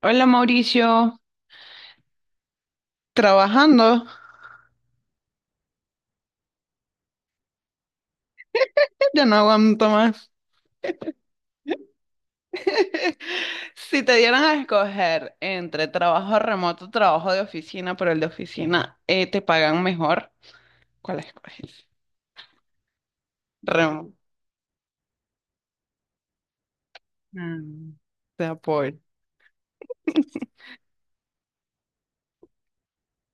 Hola Mauricio, trabajando, ya no aguanto más. Si te dieran a escoger entre trabajo remoto, trabajo de oficina, pero el de oficina te pagan mejor, ¿cuál escoges? Remoto. Mm. Te apoyo.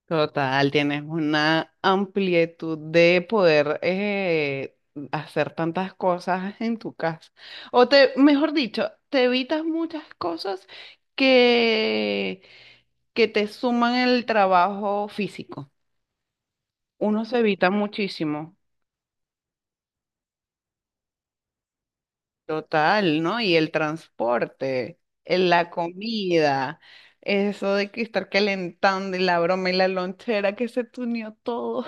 Total, tienes una amplitud de poder hacer tantas cosas en tu casa. Mejor dicho, te evitas muchas cosas que, que te suman el trabajo físico. Uno se evita muchísimo. Total, ¿no? Y el transporte, la comida, eso de que estar calentando y la broma y la lonchera que se tuneó todo.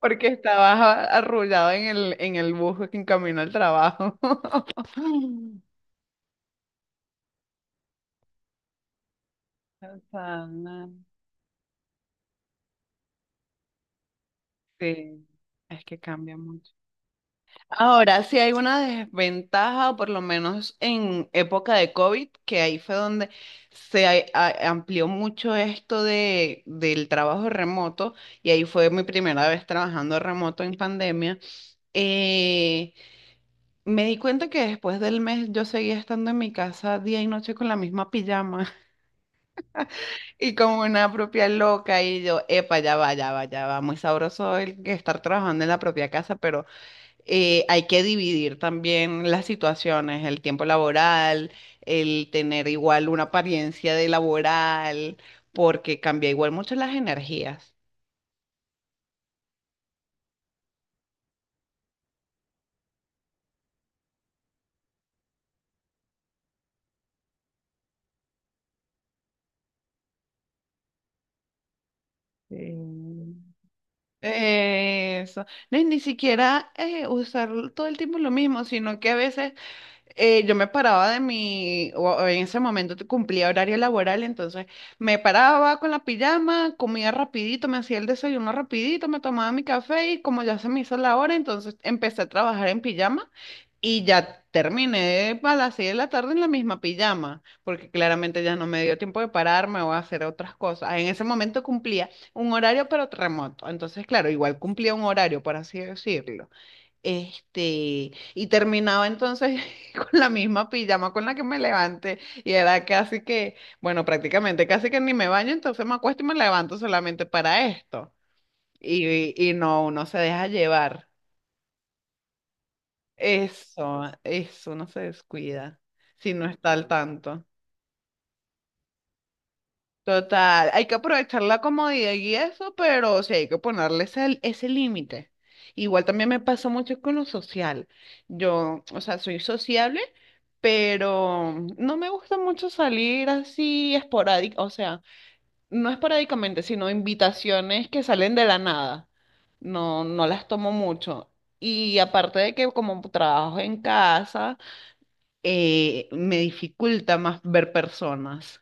Porque estabas arrullado en el bus en camino al trabajo. Sana. Sí, es que cambia mucho. Ahora, sí hay una desventaja, o por lo menos en época de COVID, que ahí fue donde se amplió mucho esto del trabajo remoto, y ahí fue mi primera vez trabajando remoto en pandemia. Eh, Me di cuenta que después del mes yo seguía estando en mi casa día y noche con la misma pijama. Y como una propia loca, y yo, epa, ya va, ya va, ya va. Muy sabroso el que estar trabajando en la propia casa, pero hay que dividir también las situaciones, el tiempo laboral, el tener igual una apariencia de laboral, porque cambia igual mucho las energías. Sí. Eso. No, y ni siquiera usar todo el tiempo lo mismo, sino que a veces yo me paraba de mi, o en ese momento cumplía horario laboral, entonces me paraba con la pijama, comía rapidito, me hacía el desayuno rapidito, me tomaba mi café y como ya se me hizo la hora, entonces empecé a trabajar en pijama y ya terminé a las 6 de la tarde en la misma pijama, porque claramente ya no me dio tiempo de pararme o hacer otras cosas. Ah, en ese momento cumplía un horario pero remoto, entonces claro, igual cumplía un horario, por así decirlo. Y terminaba entonces con la misma pijama con la que me levanté y era casi que, bueno, prácticamente casi que ni me baño, entonces me acuesto y me levanto solamente para esto. Y no, uno se deja llevar. Eso, uno se descuida si no está al tanto. Total, hay que aprovechar la comodidad y eso, pero sí hay que ponerle ese límite. Igual también me pasó mucho con lo social. Yo, o sea, soy sociable pero no me gusta mucho salir así esporádica, o sea, no esporádicamente, sino invitaciones que salen de la nada. No, no las tomo mucho. Y aparte de que como trabajo en casa, me dificulta más ver personas,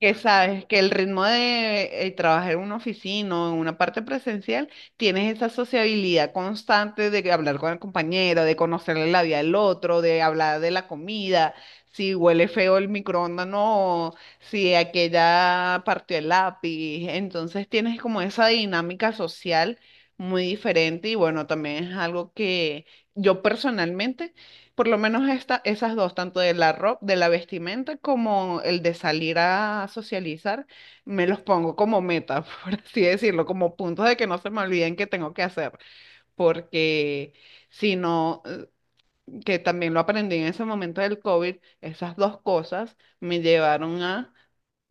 que sabes que el ritmo de trabajar en una oficina o en una parte presencial, tienes esa sociabilidad constante de que hablar con el compañero, de conocerle la vida al otro, de hablar de la comida, si huele feo el microondas, no, si aquella partió el lápiz. Entonces tienes como esa dinámica social muy diferente y bueno, también es algo que yo personalmente... Por lo menos esta, esas dos, tanto de la ropa, de la vestimenta como el de salir a socializar, me los pongo como meta, por así decirlo, como puntos de que no se me olviden que tengo que hacer, porque si no, que también lo aprendí en ese momento del COVID, esas dos cosas me llevaron a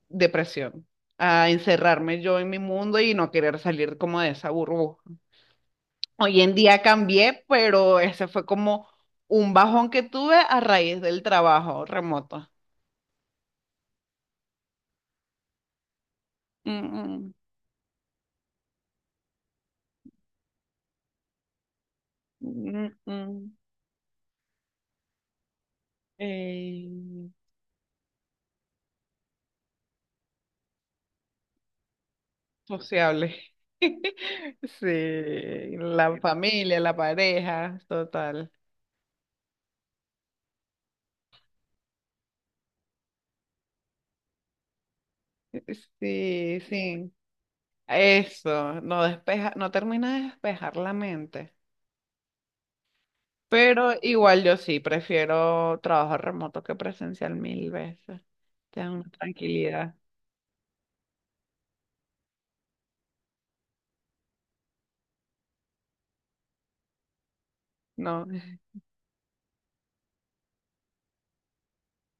depresión, a encerrarme yo en mi mundo y no querer salir como de esa burbuja. Hoy en día cambié, pero ese fue como un bajón que tuve a raíz del trabajo remoto. Mm, mm, mm, mm. Eh, Sociable. Sí, la familia, la pareja, total. Sí, sí. Eso, no despeja, no termina de despejar la mente. Pero igual yo sí, prefiero trabajo remoto que presencial mil veces. Te da una tranquilidad, ¿no?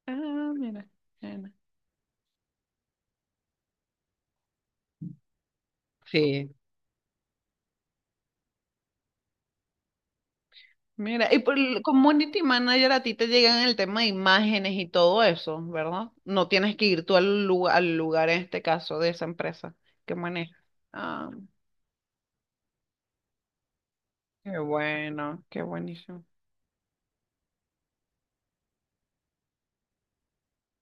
Ah, mira, mira. Sí. Mira, y por el community manager a ti te llegan el tema de imágenes y todo eso, ¿verdad? No tienes que ir tú al lugar en este caso de esa empresa que manejas. Ah, qué bueno, qué buenísimo.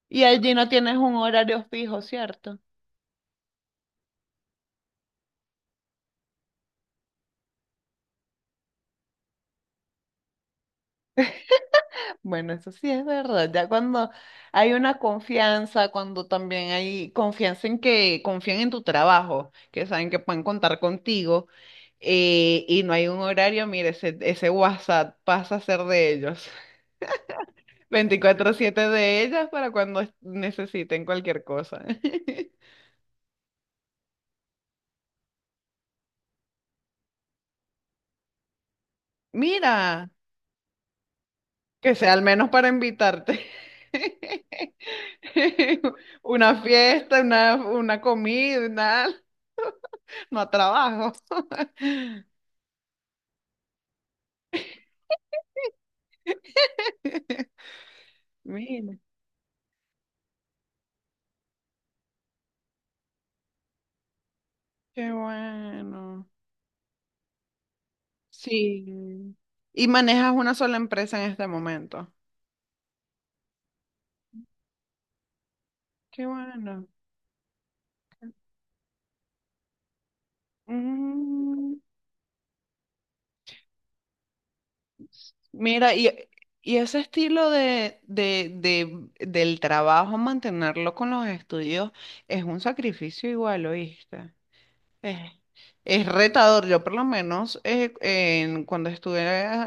Y allí no tienes un horario fijo, ¿cierto? Bueno, eso sí es verdad. Ya cuando hay una confianza, cuando también hay confianza en que confían en tu trabajo, que saben que pueden contar contigo, y no hay un horario, mire, ese WhatsApp pasa a ser de ellos. 24/7 de ellas para cuando necesiten cualquier cosa. Mira, que sea al menos para invitarte. Una fiesta, una comida, nada no a trabajo. Mira, qué bueno. Sí. Y manejas una sola empresa en este momento. Qué bueno. Mm, mira, y ese estilo del trabajo, mantenerlo con los estudios, es un sacrificio igual, ¿oíste? Es, es retador. Yo por lo menos cuando estuve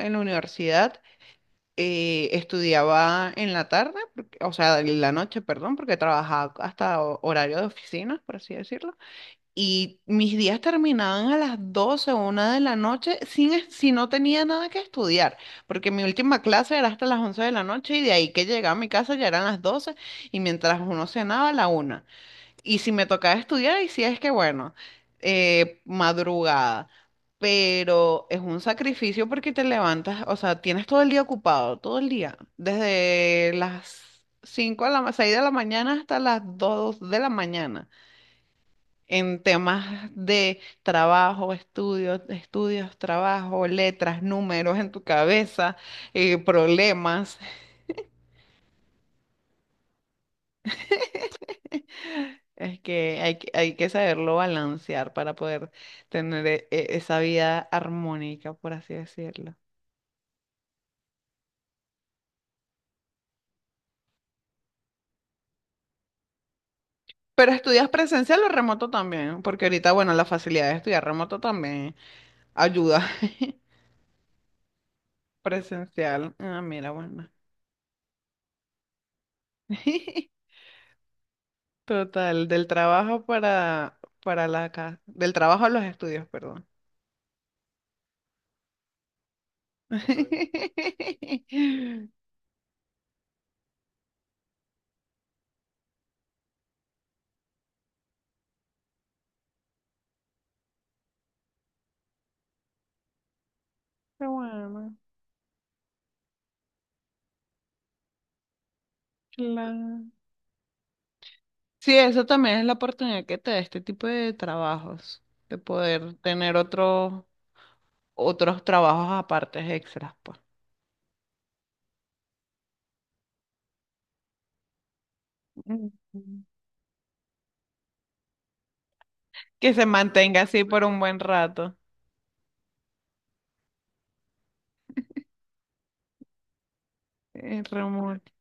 en la universidad, estudiaba en la tarde, o sea, en la noche, perdón, porque trabajaba hasta horario de oficinas, por así decirlo. Y mis días terminaban a las 12 o 1 de la noche sin, si no tenía nada que estudiar, porque mi última clase era hasta las 11 de la noche y de ahí que llegaba a mi casa ya eran las 12 y mientras uno cenaba, la 1, y si me tocaba estudiar, y si es que bueno, madrugada. Pero es un sacrificio porque te levantas, o sea, tienes todo el día ocupado, todo el día. Desde las 5 a la 6 de la mañana hasta las 2 de la mañana. En temas de trabajo, estudios, estudios, trabajo, letras, números en tu cabeza, problemas. Es que hay, que hay que saberlo balancear para poder tener esa vida armónica, por así decirlo. Pero estudias presencial o remoto también, porque ahorita, bueno, la facilidad de estudiar remoto también ayuda. Presencial. Ah, mira, bueno. Total, del trabajo para la casa, del trabajo a los estudios, perdón. Qué bueno, claro. Sí, eso también es la oportunidad que te da este tipo de trabajos, de poder tener otros trabajos aparte extras, pues. Ujú. Que se mantenga así por un buen rato. Remoto.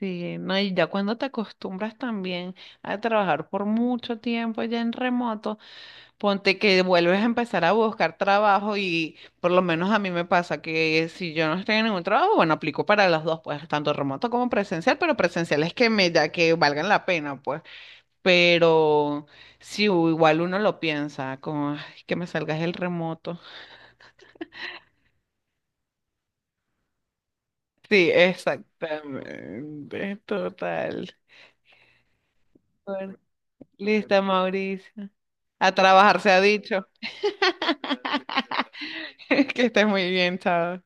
Sí, no, y ya cuando te acostumbras también a trabajar por mucho tiempo ya en remoto. Ponte que vuelves a empezar a buscar trabajo y por lo menos a mí me pasa que si yo no estoy en ningún trabajo, bueno, aplico para los dos, pues tanto remoto como presencial, pero presencial es que me da que valgan la pena, pues. Pero si igual uno lo piensa, como "Ay, que me salgas el remoto". Sí, exactamente, total. Bueno, listo, Mauricio. A trabajar se ha dicho. Que estés muy bien, chao.